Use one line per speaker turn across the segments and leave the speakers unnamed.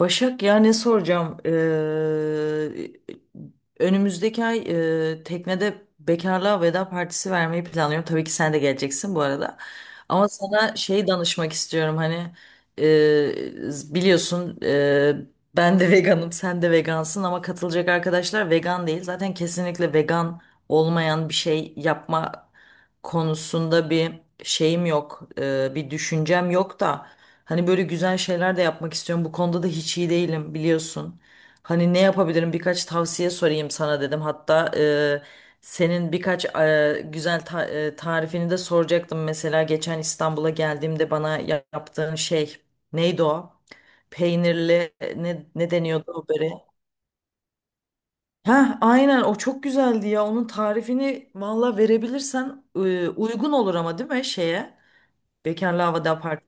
Başak ya ne soracağım? Önümüzdeki ay teknede bekarlığa veda partisi vermeyi planlıyorum. Tabii ki sen de geleceksin bu arada. Ama sana şey danışmak istiyorum hani biliyorsun, ben de veganım sen de vegansın ama katılacak arkadaşlar vegan değil. Zaten kesinlikle vegan olmayan bir şey yapma konusunda bir şeyim yok, bir düşüncem yok da hani böyle güzel şeyler de yapmak istiyorum. Bu konuda da hiç iyi değilim biliyorsun. Hani ne yapabilirim birkaç tavsiye sorayım sana dedim. Hatta senin birkaç güzel tarifini de soracaktım. Mesela geçen İstanbul'a geldiğimde bana yaptığın şey neydi o? Peynirli, ne deniyordu o böreğe? Heh, aynen, o çok güzeldi ya. Onun tarifini valla verebilirsen uygun olur ama, değil mi, şeye? Bekarlı Havada Apart.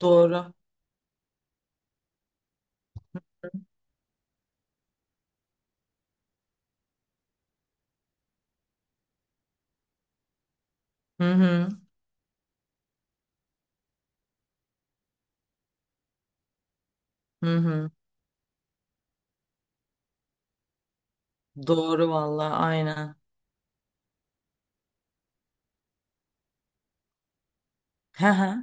Doğru. Hı hı. Hı hı. Doğru valla, aynen. Hı hı.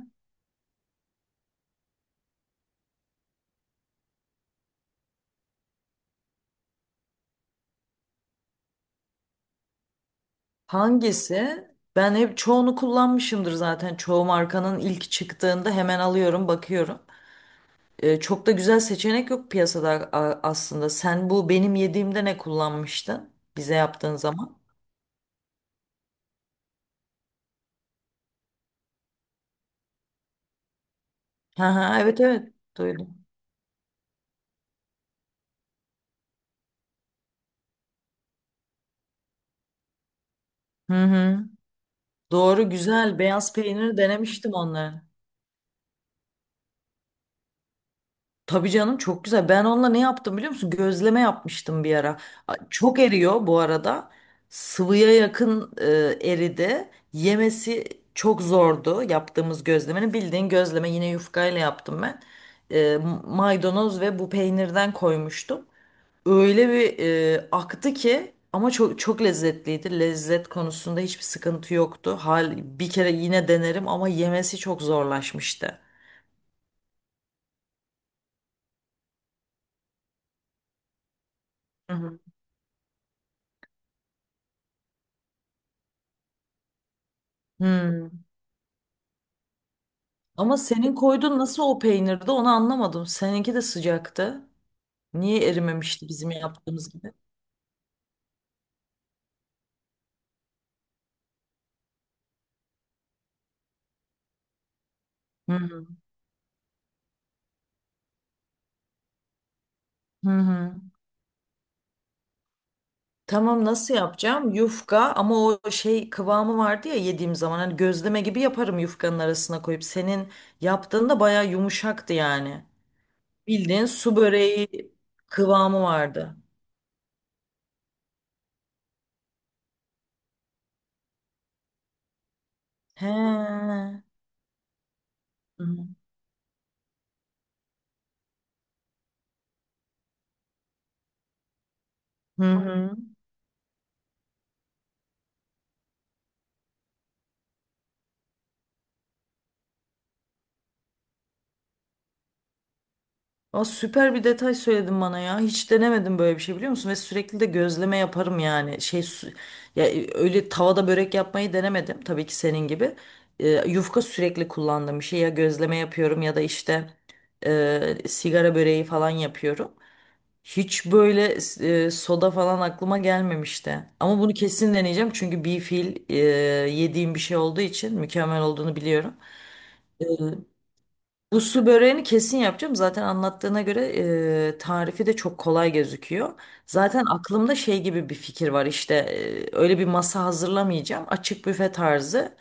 Hangisi? Ben hep çoğunu kullanmışımdır zaten. Çoğu markanın ilk çıktığında hemen alıyorum, bakıyorum. Çok da güzel seçenek yok piyasada aslında. Sen bu benim yediğimde ne kullanmıştın bize yaptığın zaman? Hı hı, evet, evet, duydum. Hı hı. Doğru, güzel beyaz peyniri denemiştim onları. Tabii canım, çok güzel. Ben onunla ne yaptım biliyor musun? Gözleme yapmıştım bir ara. Çok eriyor bu arada. Sıvıya yakın eridi. Yemesi çok zordu yaptığımız gözlemenin. Bildiğin gözleme, yine yufkayla yaptım ben. E, Maydanoz ve bu peynirden koymuştum. Öyle bir aktı ki, ama çok çok lezzetliydi. Lezzet konusunda hiçbir sıkıntı yoktu. Hal bir kere yine denerim ama yemesi çok zorlaşmıştı. Hı hı. Hmm. Ama senin koyduğun nasıl o peynirdi, onu anlamadım. Seninki de sıcaktı. Niye erimemişti bizim yaptığımız gibi? Hı hı. Hı hı. Tamam, nasıl yapacağım? Yufka ama o şey kıvamı vardı ya yediğim zaman, hani gözleme gibi yaparım yufkanın arasına koyup. Senin yaptığında baya yumuşaktı yani. Bildiğin su böreği kıvamı vardı. He. Hı hı. Hı. Aa, süper bir detay söyledin bana ya. Hiç denemedim böyle bir şey, biliyor musun? Ve sürekli de gözleme yaparım yani. Şey su, ya öyle tavada börek yapmayı denemedim tabii ki senin gibi. Yufka sürekli kullandığım bir şey, ya gözleme yapıyorum ya da işte sigara böreği falan yapıyorum. Hiç böyle soda falan aklıma gelmemişti. Ama bunu kesin deneyeceğim çünkü bir fil yediğim bir şey olduğu için mükemmel olduğunu biliyorum. Bu su böreğini kesin yapacağım. Zaten anlattığına göre tarifi de çok kolay gözüküyor. Zaten aklımda şey gibi bir fikir var. İşte öyle bir masa hazırlamayacağım. Açık büfe tarzı.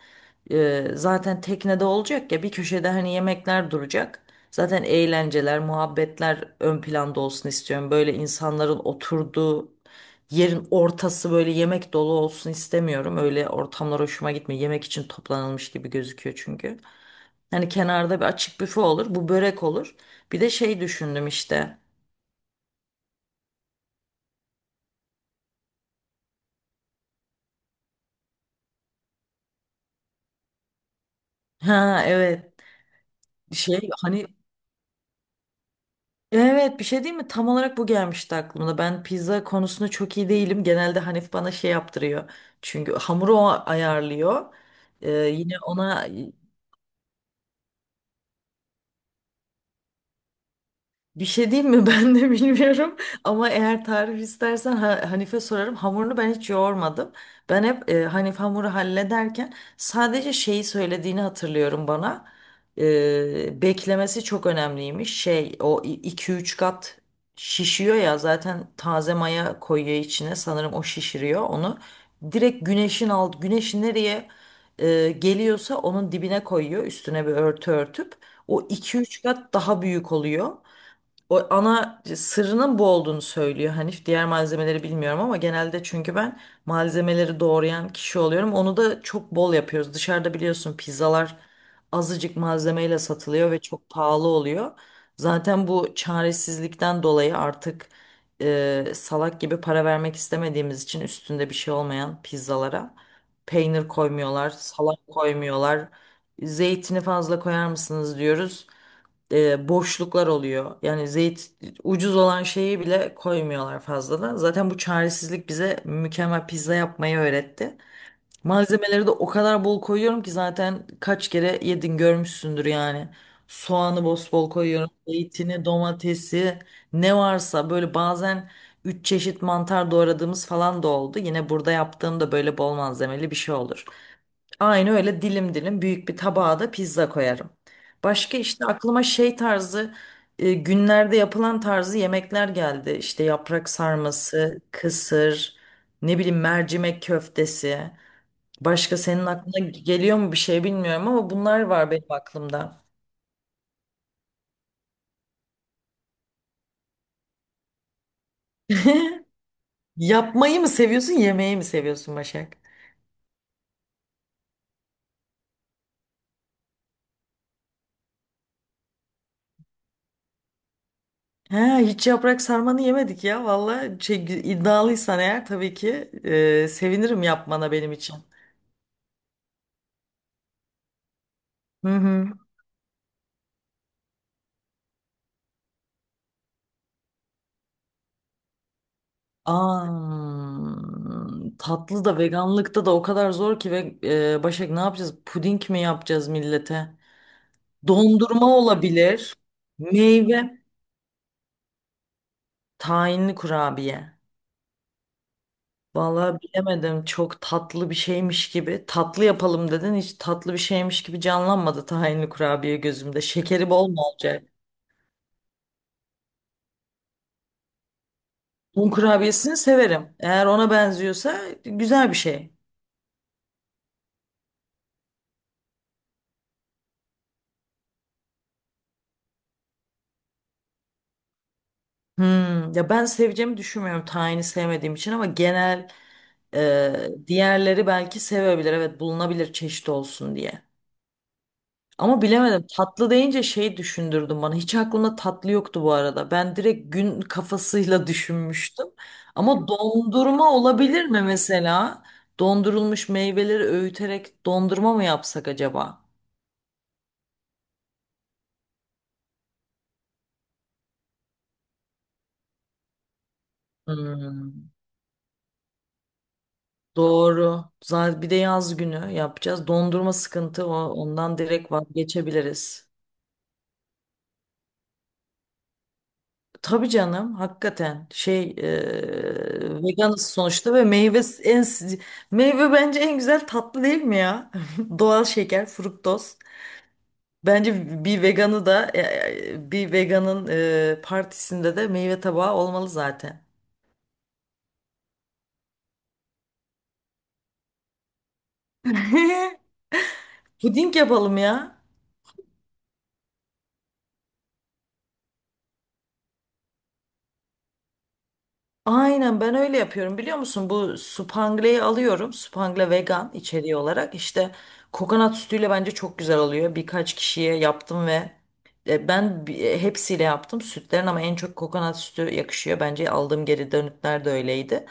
Zaten teknede olacak ya, bir köşede hani yemekler duracak. Zaten eğlenceler, muhabbetler ön planda olsun istiyorum. Böyle insanların oturduğu yerin ortası böyle yemek dolu olsun istemiyorum. Öyle ortamlar hoşuma gitmiyor. Yemek için toplanılmış gibi gözüküyor çünkü. Hani kenarda bir açık büfe olur. Bu börek olur. Bir de şey düşündüm işte. Ha, evet. Şey hani, evet, bir şey değil mi? Tam olarak bu gelmişti aklımda. Ben pizza konusunda çok iyi değilim. Genelde Hanif bana şey yaptırıyor. Çünkü hamuru o ayarlıyor. Yine ona bir şey diyeyim mi? Ben de bilmiyorum. Ama eğer tarif istersen Hanife sorarım. Hamurunu ben hiç yoğurmadım. Ben hep Hanife hamuru hallederken sadece şeyi söylediğini hatırlıyorum bana. Beklemesi çok önemliymiş. Şey, o iki üç kat şişiyor ya, zaten taze maya koyuyor içine. Sanırım o şişiriyor onu. Direkt güneşin alt güneşin nereye geliyorsa onun dibine koyuyor. Üstüne bir örtü örtüp. O iki üç kat daha büyük oluyor, o ana sırrının bu olduğunu söylüyor Hanif. Diğer malzemeleri bilmiyorum ama genelde çünkü ben malzemeleri doğrayan kişi oluyorum. Onu da çok bol yapıyoruz. Dışarıda biliyorsun pizzalar azıcık malzemeyle satılıyor ve çok pahalı oluyor. Zaten bu çaresizlikten dolayı artık salak gibi para vermek istemediğimiz için, üstünde bir şey olmayan pizzalara peynir koymuyorlar, salat koymuyorlar. Zeytini fazla koyar mısınız diyoruz, boşluklar oluyor. Yani zeyt, ucuz olan şeyi bile koymuyorlar fazladan. Zaten bu çaresizlik bize mükemmel pizza yapmayı öğretti. Malzemeleri de o kadar bol koyuyorum ki, zaten kaç kere yedin görmüşsündür yani. Soğanı bosbol koyuyorum, zeytini, domatesi, ne varsa, böyle bazen üç çeşit mantar doğradığımız falan da oldu. Yine burada yaptığım da böyle bol malzemeli bir şey olur. Aynı öyle dilim dilim büyük bir tabağa da pizza koyarım. Başka işte aklıma şey tarzı, günlerde yapılan tarzı yemekler geldi. İşte yaprak sarması, kısır, ne bileyim mercimek köftesi. Başka senin aklına geliyor mu bir şey bilmiyorum ama bunlar var benim aklımda. Yapmayı mı seviyorsun, yemeği mi seviyorsun Başak? Ha, hiç yaprak sarmanı yemedik ya. Valla şey, iddialıysan eğer tabii ki sevinirim yapmana benim için. Hı hı. Aa, tatlı da veganlıkta da o kadar zor ki, ve Başak, ne yapacağız? Puding mi yapacağız millete? Dondurma olabilir. Meyve, tahinli kurabiye. Vallahi bilemedim. Çok tatlı bir şeymiş gibi. Tatlı yapalım dedin. Hiç tatlı bir şeymiş gibi canlanmadı tahinli kurabiye gözümde. Şekeri bol mu olacak? Un kurabiyesini severim. Eğer ona benziyorsa güzel bir şey. Hmm, ya ben seveceğimi düşünmüyorum tayini sevmediğim için, ama genel e, diğerleri belki sevebilir. Evet, bulunabilir çeşit olsun diye. Ama bilemedim, tatlı deyince şey düşündürdün bana. Hiç aklımda tatlı yoktu bu arada. Ben direkt gün kafasıyla düşünmüştüm. Ama dondurma olabilir mi mesela? Dondurulmuş meyveleri öğüterek dondurma mı yapsak acaba? Hmm, doğru. Zaten bir de yaz günü yapacağız. Dondurma sıkıntı o. Ondan direkt vazgeçebiliriz. Tabii canım, hakikaten şey, veganız sonuçta ve meyve en, meyve bence en güzel tatlı değil mi ya? Doğal şeker, fruktoz. Bence bir veganı da bir veganın partisinde de meyve tabağı olmalı zaten. Puding yapalım ya. Aynen, ben öyle yapıyorum, biliyor musun? Bu supangle'yi alıyorum. Supangle vegan içeriği olarak. İşte kokonat sütüyle bence çok güzel oluyor. Birkaç kişiye yaptım ve hepsiyle yaptım. Sütlerin ama en çok kokonat sütü yakışıyor. Bence aldığım geri dönütler de öyleydi.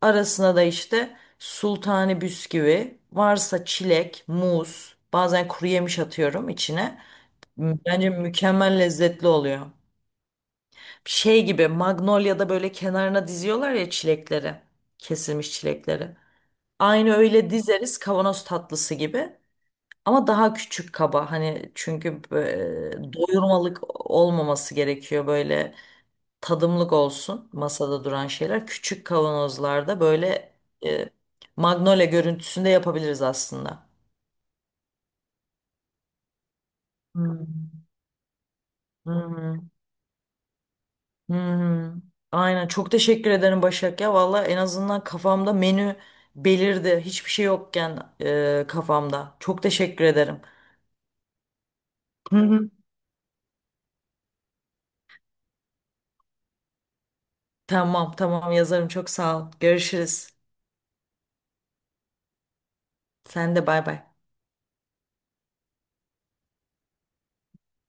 Arasına da işte sultani bisküvi, varsa çilek, muz, bazen kuru yemiş atıyorum içine. Bence mükemmel lezzetli oluyor, şey gibi, Magnolia'da böyle kenarına diziyorlar ya çilekleri. Kesilmiş çilekleri. Aynı öyle dizeriz kavanoz tatlısı gibi. Ama daha küçük kaba, hani çünkü doyurmalık olmaması gerekiyor, böyle tadımlık olsun masada duran şeyler. Küçük kavanozlarda böyle, e, Magnolia görüntüsünde yapabiliriz aslında. Hmm. Hı hı. Hmm, aynen, çok teşekkür ederim Başak ya, valla en azından kafamda menü belirdi hiçbir şey yokken kafamda, çok teşekkür ederim. Hı hı. Tamam tamam, yazarım, çok sağ ol, görüşürüz, sen de bay bay.